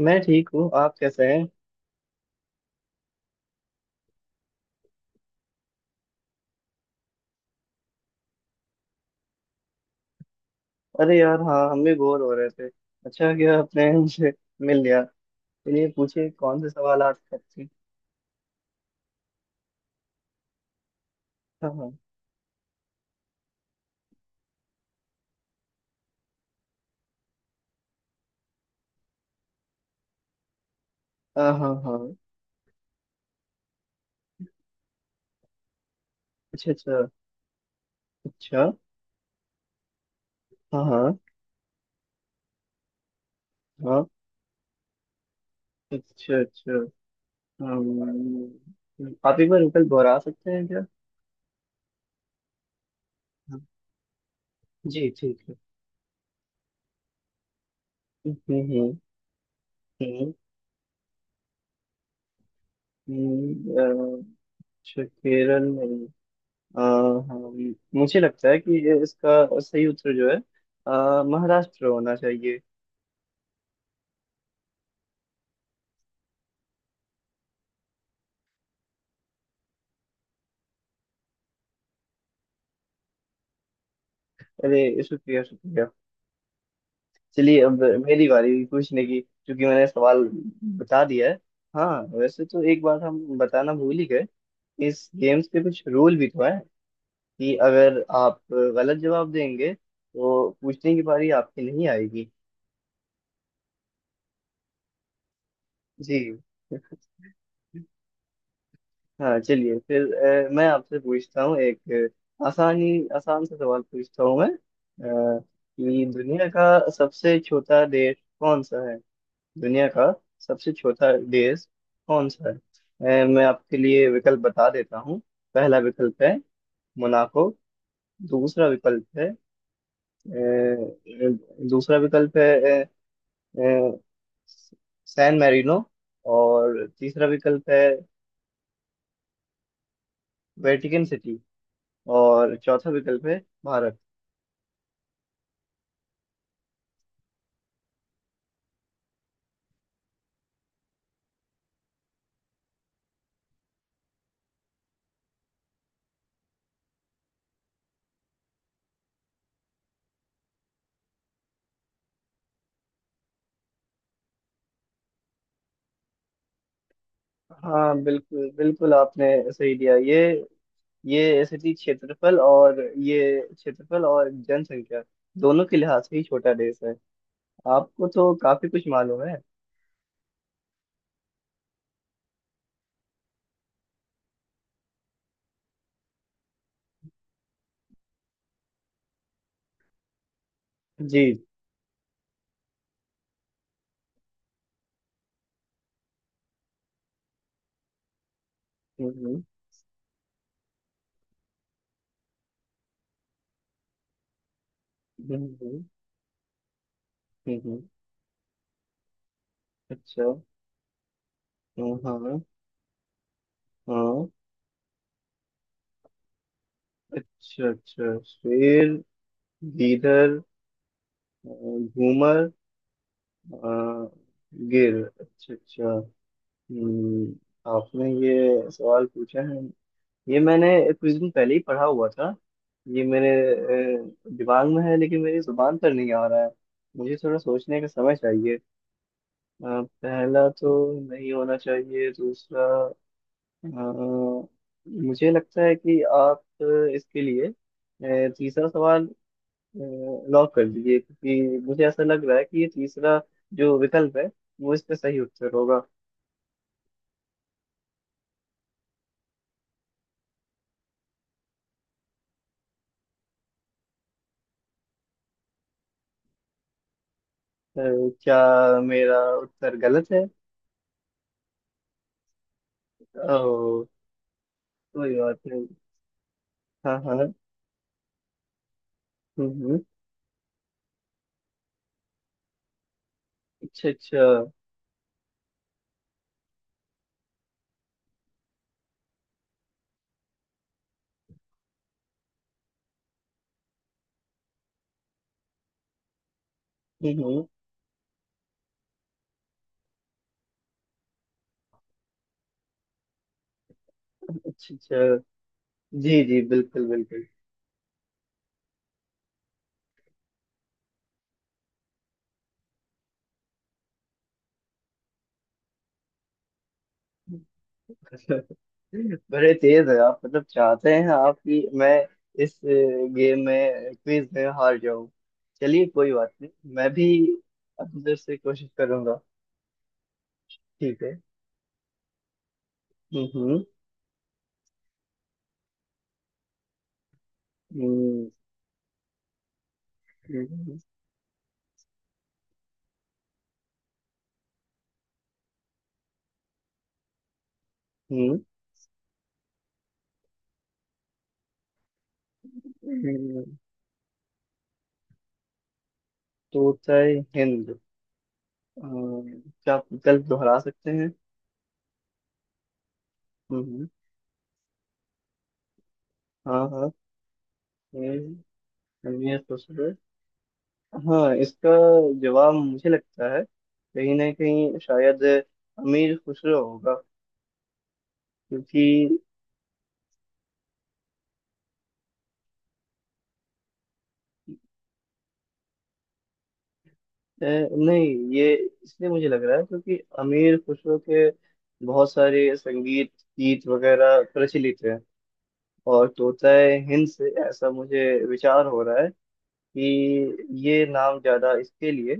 मैं ठीक हूँ। आप कैसे हैं? अरे यार, हाँ, हम भी बोर हो रहे थे। अच्छा, क्या आपने मुझे मिल लिया। चलिए, पूछिए कौन से सवाल आप करते हैं। हाँ हाँ हाँ, हाँ हाँ। अच्छा अच्छा। अच्छा, हाँ हाँ हाँ। अच्छा अच्छा। आप एक बार रुपये दोहरा सकते हैं क्या? हाँ, जी ठीक है। हम्म। हम्म, हम्म। अ, अच्छा। केरल में हाँ, मुझे लगता है कि ये इसका सही उत्तर जो है, महाराष्ट्र होना चाहिए। अरे, शुक्रिया शुक्रिया। चलिए, अब मेरी बारी हुई पूछने की, क्योंकि मैंने सवाल बता दिया है। हाँ। वैसे तो एक बात हम बताना भूल ही गए, इस गेम्स के कुछ रूल भी तो है कि अगर आप गलत जवाब देंगे तो पूछने की बारी आपकी नहीं आएगी। जी। हाँ, चलिए फिर मैं आपसे पूछता हूँ एक आसान सा सवाल पूछता हूँ मैं, कि दुनिया का सबसे छोटा देश कौन सा है। दुनिया का सबसे छोटा देश कौन सा है? मैं आपके लिए विकल्प बता देता हूँ। पहला विकल्प है मोनाको। दूसरा विकल्प है ए, दूसरा विकल्प है ए, ए, सैन मैरिनो। और तीसरा विकल्प है वेटिकन सिटी। और चौथा विकल्प है भारत। हाँ, बिल्कुल बिल्कुल, आपने सही दिया। ये सिटी क्षेत्रफल और ये क्षेत्रफल और जनसंख्या दोनों के लिहाज से ही छोटा देश है। आपको तो काफी कुछ मालूम है। जी। हम्म, हम्म हम्म, हम्म। अच्छा, हाँ हाँ, हाँ। अच्छा अच्छा, शेर, गीदड़, अ, घूमर, अ, गिर, अच्छा अच्छा। हम्म, आपने ये सवाल पूछा है, ये मैंने कुछ दिन पहले ही पढ़ा हुआ था। ये मेरे दिमाग में है, लेकिन मेरी जुबान पर नहीं आ रहा है। मुझे थोड़ा सोचने का समय चाहिए। पहला तो नहीं होना चाहिए, दूसरा अ, मुझे लगता है कि आप इसके लिए तीसरा सवाल लॉक कर दीजिए, क्योंकि मुझे ऐसा लग रहा है कि ये तीसरा जो विकल्प है वो इसका सही उत्तर होगा। अ, क्या मेरा उत्तर गलत है? ओ, कोई बात नहीं। हाँ हाँ, हम्म हम्म, अच्छा अच्छा। हम्म, अच्छा अच्छा। जी जी, बिल्कुल बिल्कुल। बड़े तेज है आप। मतलब चाहते हैं आप कि मैं इस गेम में, क्विज में हार जाऊं। चलिए, कोई बात नहीं, मैं भी अंदर से कोशिश करूंगा। ठीक है। हम्म हम्म, हम्म हम्म, हम्म, तोता हिंद। अम, क्या आप विकल्प दोहरा सकते हैं? हम्म हम्म, हाँ हाँ, हम्म, हमें सोच रहे। हाँ, इसका जवाब मुझे लगता है कहीं ना कहीं शायद अमीर खुसरो होगा, क्योंकि नहीं, ये इसलिए मुझे लग रहा है क्योंकि अमीर खुसरो के बहुत सारे संगीत गीत वगैरह प्रचलित हैं। और तोताए हिंद से ऐसा मुझे विचार हो रहा है कि ये नाम ज्यादा इसके लिए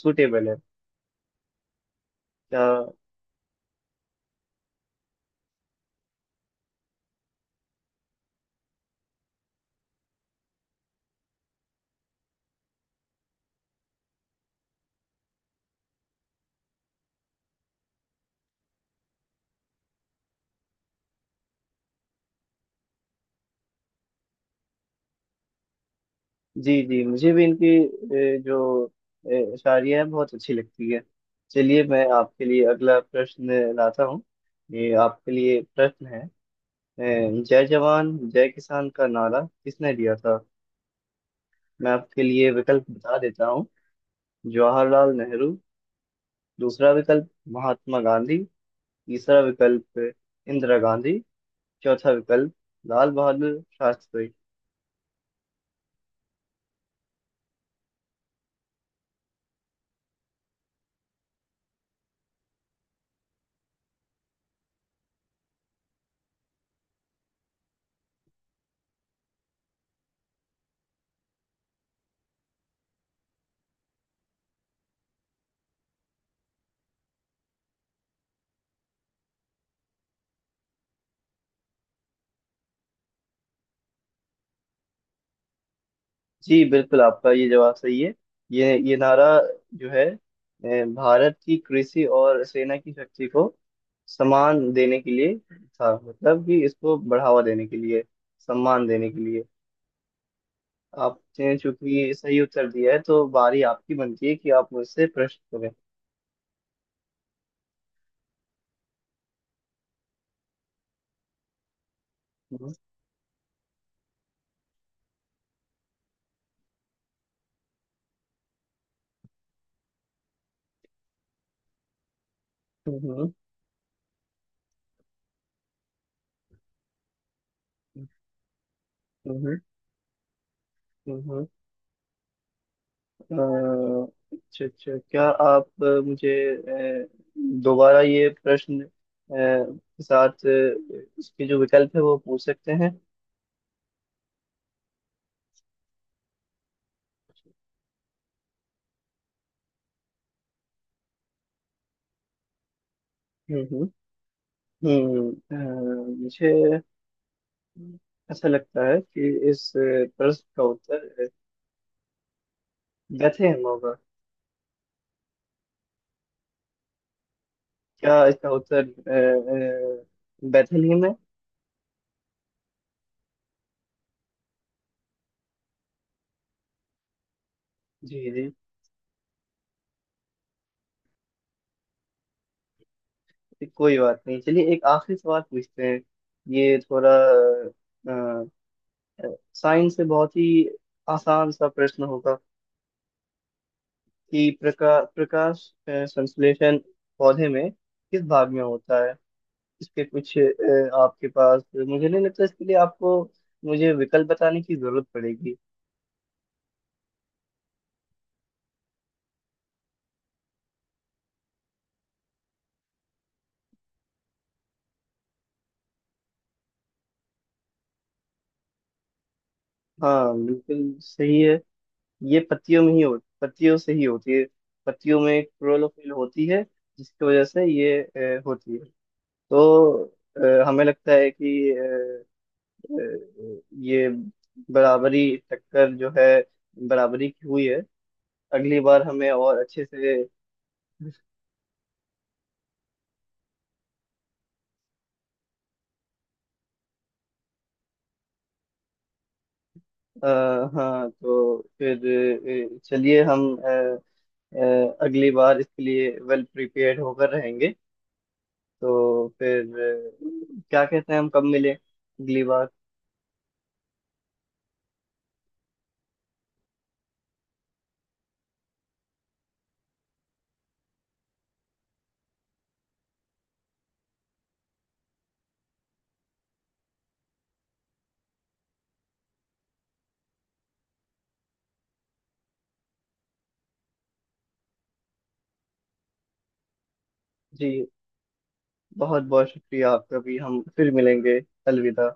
सूटेबल है। क्या? जी जी, मुझे भी इनकी जो शायरियाँ हैं बहुत अच्छी लगती है। चलिए, मैं आपके लिए अगला प्रश्न लाता हूँ। ये आपके लिए प्रश्न है। जय जवान जय किसान का नारा किसने दिया था? मैं आपके लिए विकल्प बता देता हूँ। जवाहरलाल नेहरू। दूसरा विकल्प, महात्मा गांधी। तीसरा विकल्प, इंदिरा गांधी। चौथा विकल्प, लाल बहादुर शास्त्री। जी बिल्कुल, आपका ये जवाब सही है। ये नारा जो है भारत की कृषि और सेना की शक्ति को सम्मान देने के लिए था, मतलब कि इसको बढ़ावा देने के लिए, सम्मान देने के लिए। आपने चूंकि सही उत्तर दिया है, तो बारी आपकी बनती है कि आप मुझसे प्रश्न करें। हम्म हम्म, हम्म हम्म, अच्छा अच्छा, क्या आप मुझे अ, दोबारा ये प्रश्न के साथ इसके जो विकल्प है वो पूछ सकते हैं? हम्म हम्म, मुझे ऐसा लगता है कि इस प्रश्न का उत्तर बेथलेहम होगा। क्या इसका उत्तर बेथलेहम है? जी जी, कोई बात नहीं। चलिए एक आखिरी सवाल पूछते हैं। ये थोड़ा साइंस से, बहुत ही आसान सा प्रश्न होगा कि प्रकाश संश्लेषण पौधे में किस भाग में होता है? इसके कुछ आपके पास, मुझे नहीं लगता इसके लिए आपको मुझे विकल्प बताने की जरूरत पड़ेगी। हाँ, बिल्कुल सही है। ये पत्तियों में ही हो, पत्तियों से ही होती है। पत्तियों में क्लोरोफिल होती है, जिसकी वजह से ये होती है। तो हमें लगता है कि ये बराबरी, टक्कर जो है, बराबरी की हुई है। अगली बार हमें और अच्छे से। आ, हाँ, तो फिर चलिए हम अ, अगली बार इसके लिए वेल प्रिपेयर्ड होकर रहेंगे। तो फिर क्या कहते हैं हम कब मिले अगली बार? जी। बहुत बहुत शुक्रिया, आपका भी। हम फिर मिलेंगे। अलविदा।